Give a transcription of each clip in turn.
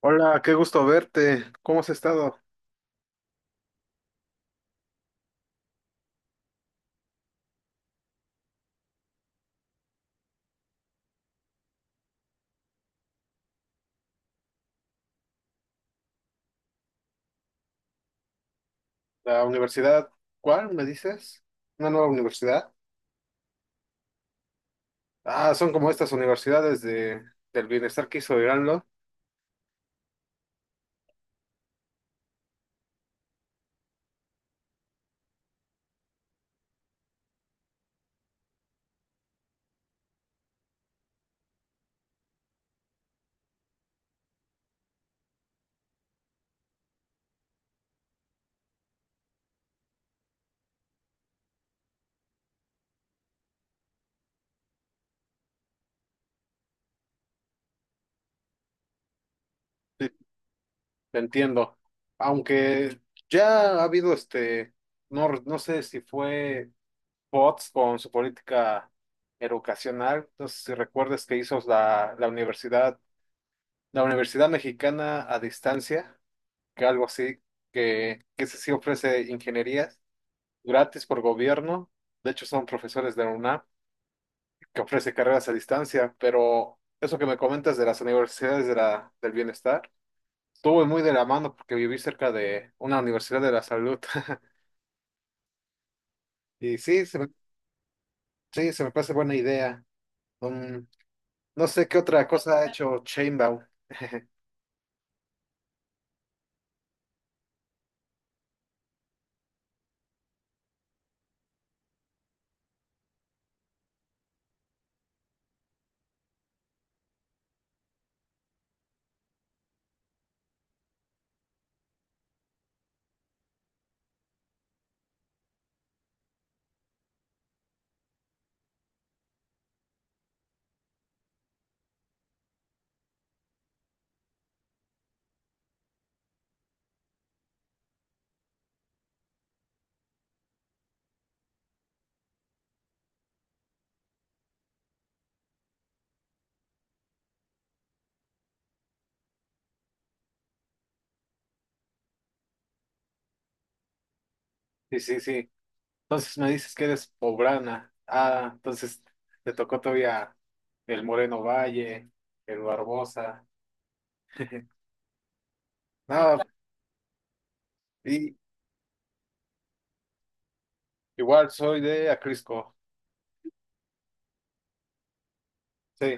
Hola, qué gusto verte. ¿Cómo has estado? La universidad, ¿cuál me dices? ¿Una nueva universidad? Ah, son como estas universidades del bienestar que hizo Irán, ¿no? Sí, te entiendo. Aunque ya ha habido no, no sé si fue POTS con su política educacional. No sé si recuerdas que hizo la Universidad, la Universidad Mexicana a distancia, que algo así, que se sí ofrece ingeniería gratis por gobierno. De hecho, son profesores de la UNAM que ofrece carreras a distancia, pero eso que me comentas de las universidades de del bienestar, estuve muy de la mano porque viví cerca de una universidad de la salud. Y sí, sí, se me parece buena idea. Mm, no sé qué otra cosa ha hecho Chainbaum. Sí, sí, sí. Entonces me dices que eres poblana. Ah, entonces te tocó todavía el Moreno Valle, el Barbosa. No, y, igual soy de Acrisco. Sí,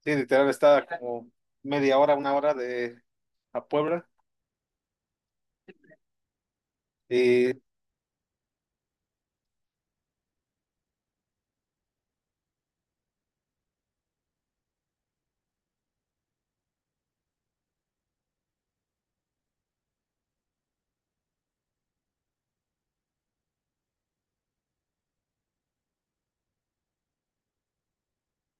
sí, literal está como media hora, una hora de a Puebla. Y sí,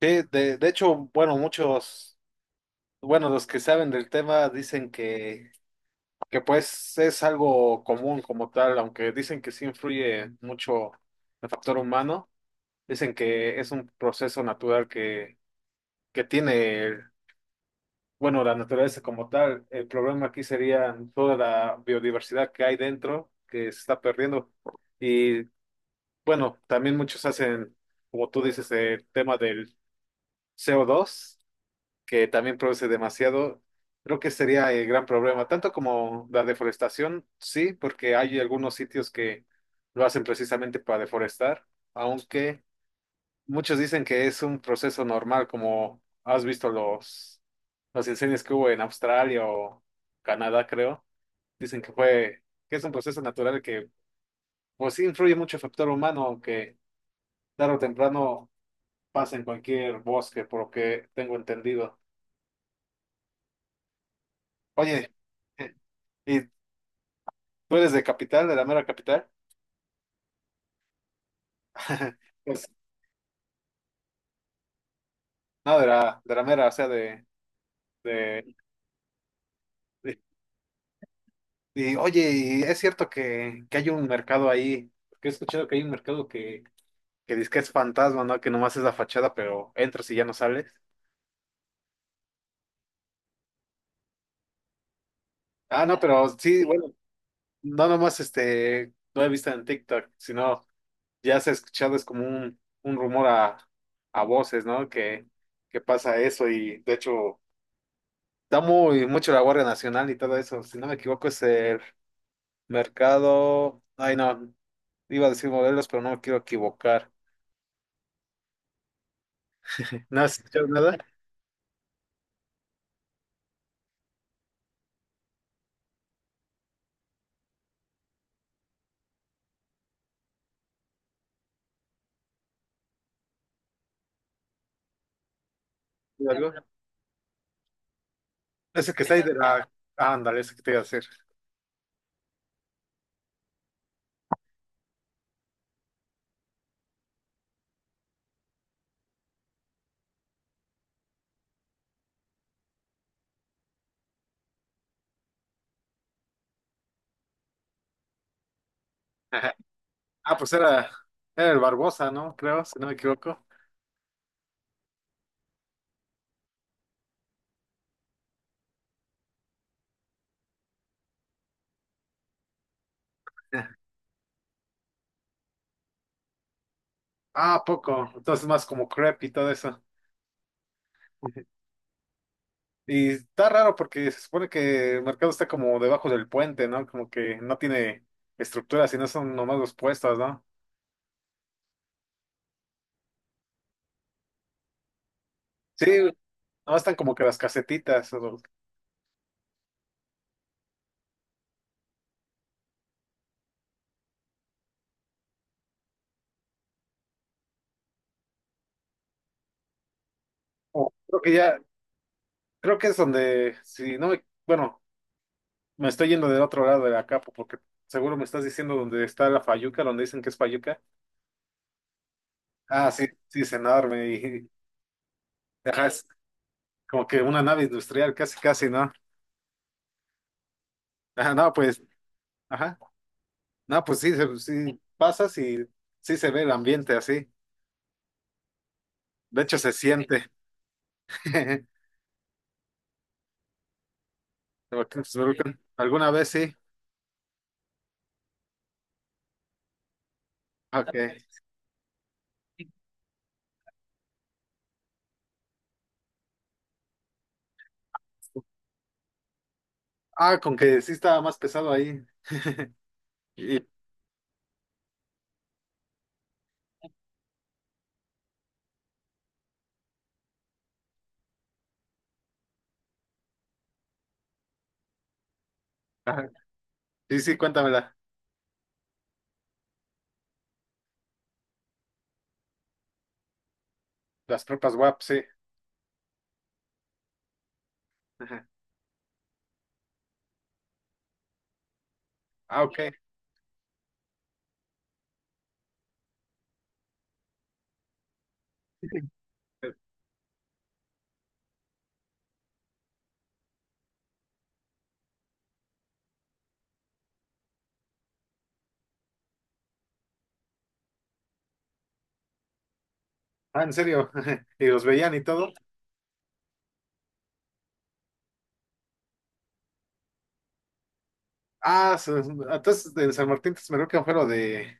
de hecho, bueno, muchos, bueno, los que saben del tema dicen que pues es algo común como tal, aunque dicen que sí influye mucho el factor humano. Dicen que es un proceso natural que tiene. Bueno, la naturaleza como tal, el problema aquí sería toda la biodiversidad que hay dentro, que se está perdiendo. Y bueno, también muchos hacen, como tú dices, el tema del CO2, que también produce demasiado. Creo que sería el gran problema, tanto como la deforestación, sí, porque hay algunos sitios que lo hacen precisamente para deforestar, aunque muchos dicen que es un proceso normal, como has visto los incendios que hubo en Australia o Canadá, creo. Dicen que es un proceso natural que, pues sí, influye mucho el factor humano, que tarde o temprano pasa en cualquier bosque, por lo que tengo entendido. Oye, eh, ¿y tú eres de capital, de la mera capital? Pues, no, de de la mera, o sea, de, de- y oye, ¿y es cierto que hay un mercado ahí, que he escuchado que hay un mercado que dice que es fantasma, ¿no? Que nomás es la fachada, pero entras y ya no sales. Ah, no, pero sí, bueno, no nomás no he visto en TikTok, sino ya se ha escuchado, es como un rumor a voces, ¿no? Que pasa eso y de hecho da muy mucho la Guardia Nacional y todo eso. Si no me equivoco es el mercado, ay no, iba a decir modelos, pero no me quiero equivocar. ¿No has escuchado nada? ¿Algo? Ese que está ahí de la... Ah, ándale, ese que te iba a decir. Ah, pues era, era el Barbosa, ¿no? Creo, si no me equivoco. Ah, poco. Entonces más como crep y todo eso. Y está raro porque se supone que el mercado está como debajo del puente, ¿no? Como que no tiene estructura, sino son nomás los puestos, ¿no? Sí, nomás están como que las casetitas. O, los- o creo que ya, creo que es donde, si no me, bueno, me estoy yendo del otro lado de la capa porque seguro me estás diciendo donde está la fayuca, donde dicen que es fayuca. Ah, sí, sí, es enorme y, ajá, es- como que una nave industrial, casi, casi, ¿no? Ajá, no, pues, ajá. No, pues sí, se- sí pasas y sí se ve el ambiente así. De hecho, se siente. ¿Alguna vez sí? Ok. Ah, con que sí estaba más pesado ahí. Y, ajá. Sí, sí, cuéntamela. Las tropas WAP, sí. Ajá. Ah, ok. Ah, ¿en serio? ¿Y los veían y todo? Ah, su- entonces en San Martín Texmelucan fue lo de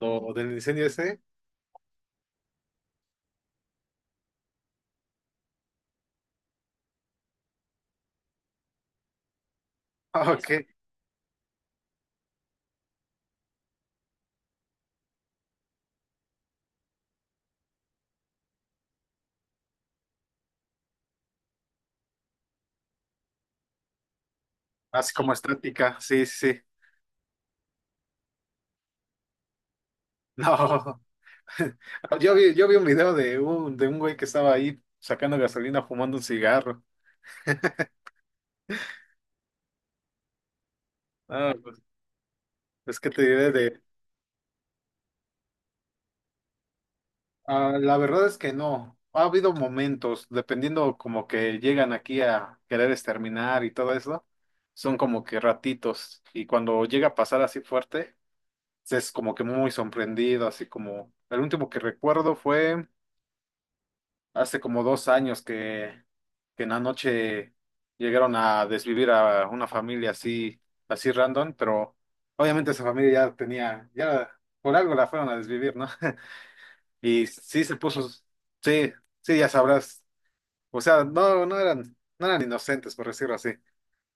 lo del incendio ese. Ah, ok. Así como estática, sí, sí. Sí. No, yo vi un video de de un güey que estaba ahí sacando gasolina fumando un cigarro. Ah, pues, es que te diré de... ah, la verdad es que no. Ha habido momentos, dependiendo como que llegan aquí a querer exterminar y todo eso, son como que ratitos. Y cuando llega a pasar así fuerte, es como que muy sorprendido, así como... el último que recuerdo fue... hace como 2 años que en la noche llegaron a desvivir a una familia así, así random, pero obviamente esa familia ya tenía, ya por algo la fueron a desvivir, ¿no? Y sí se puso, sí, sí, ya sabrás. O sea, no, no eran, no eran inocentes, por decirlo así.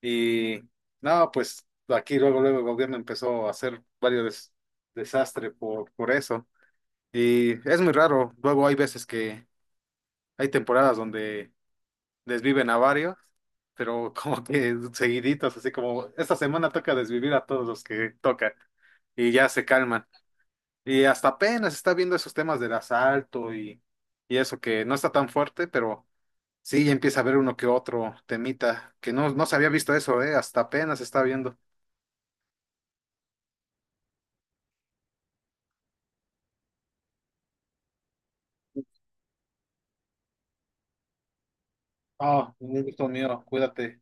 Y no, pues aquí luego, luego el gobierno empezó a hacer varios des- desastres por eso. Y es muy raro. Luego hay veces que hay temporadas donde desviven a varios, pero como que seguiditos, así como esta semana toca desvivir a todos los que toca y ya se calman. Y hasta apenas está viendo esos temas del asalto y eso que no está tan fuerte, pero sí ya empieza a ver uno que otro temita, que no, no se había visto eso, hasta apenas está viendo. Oh, un gusto mío, cuídate.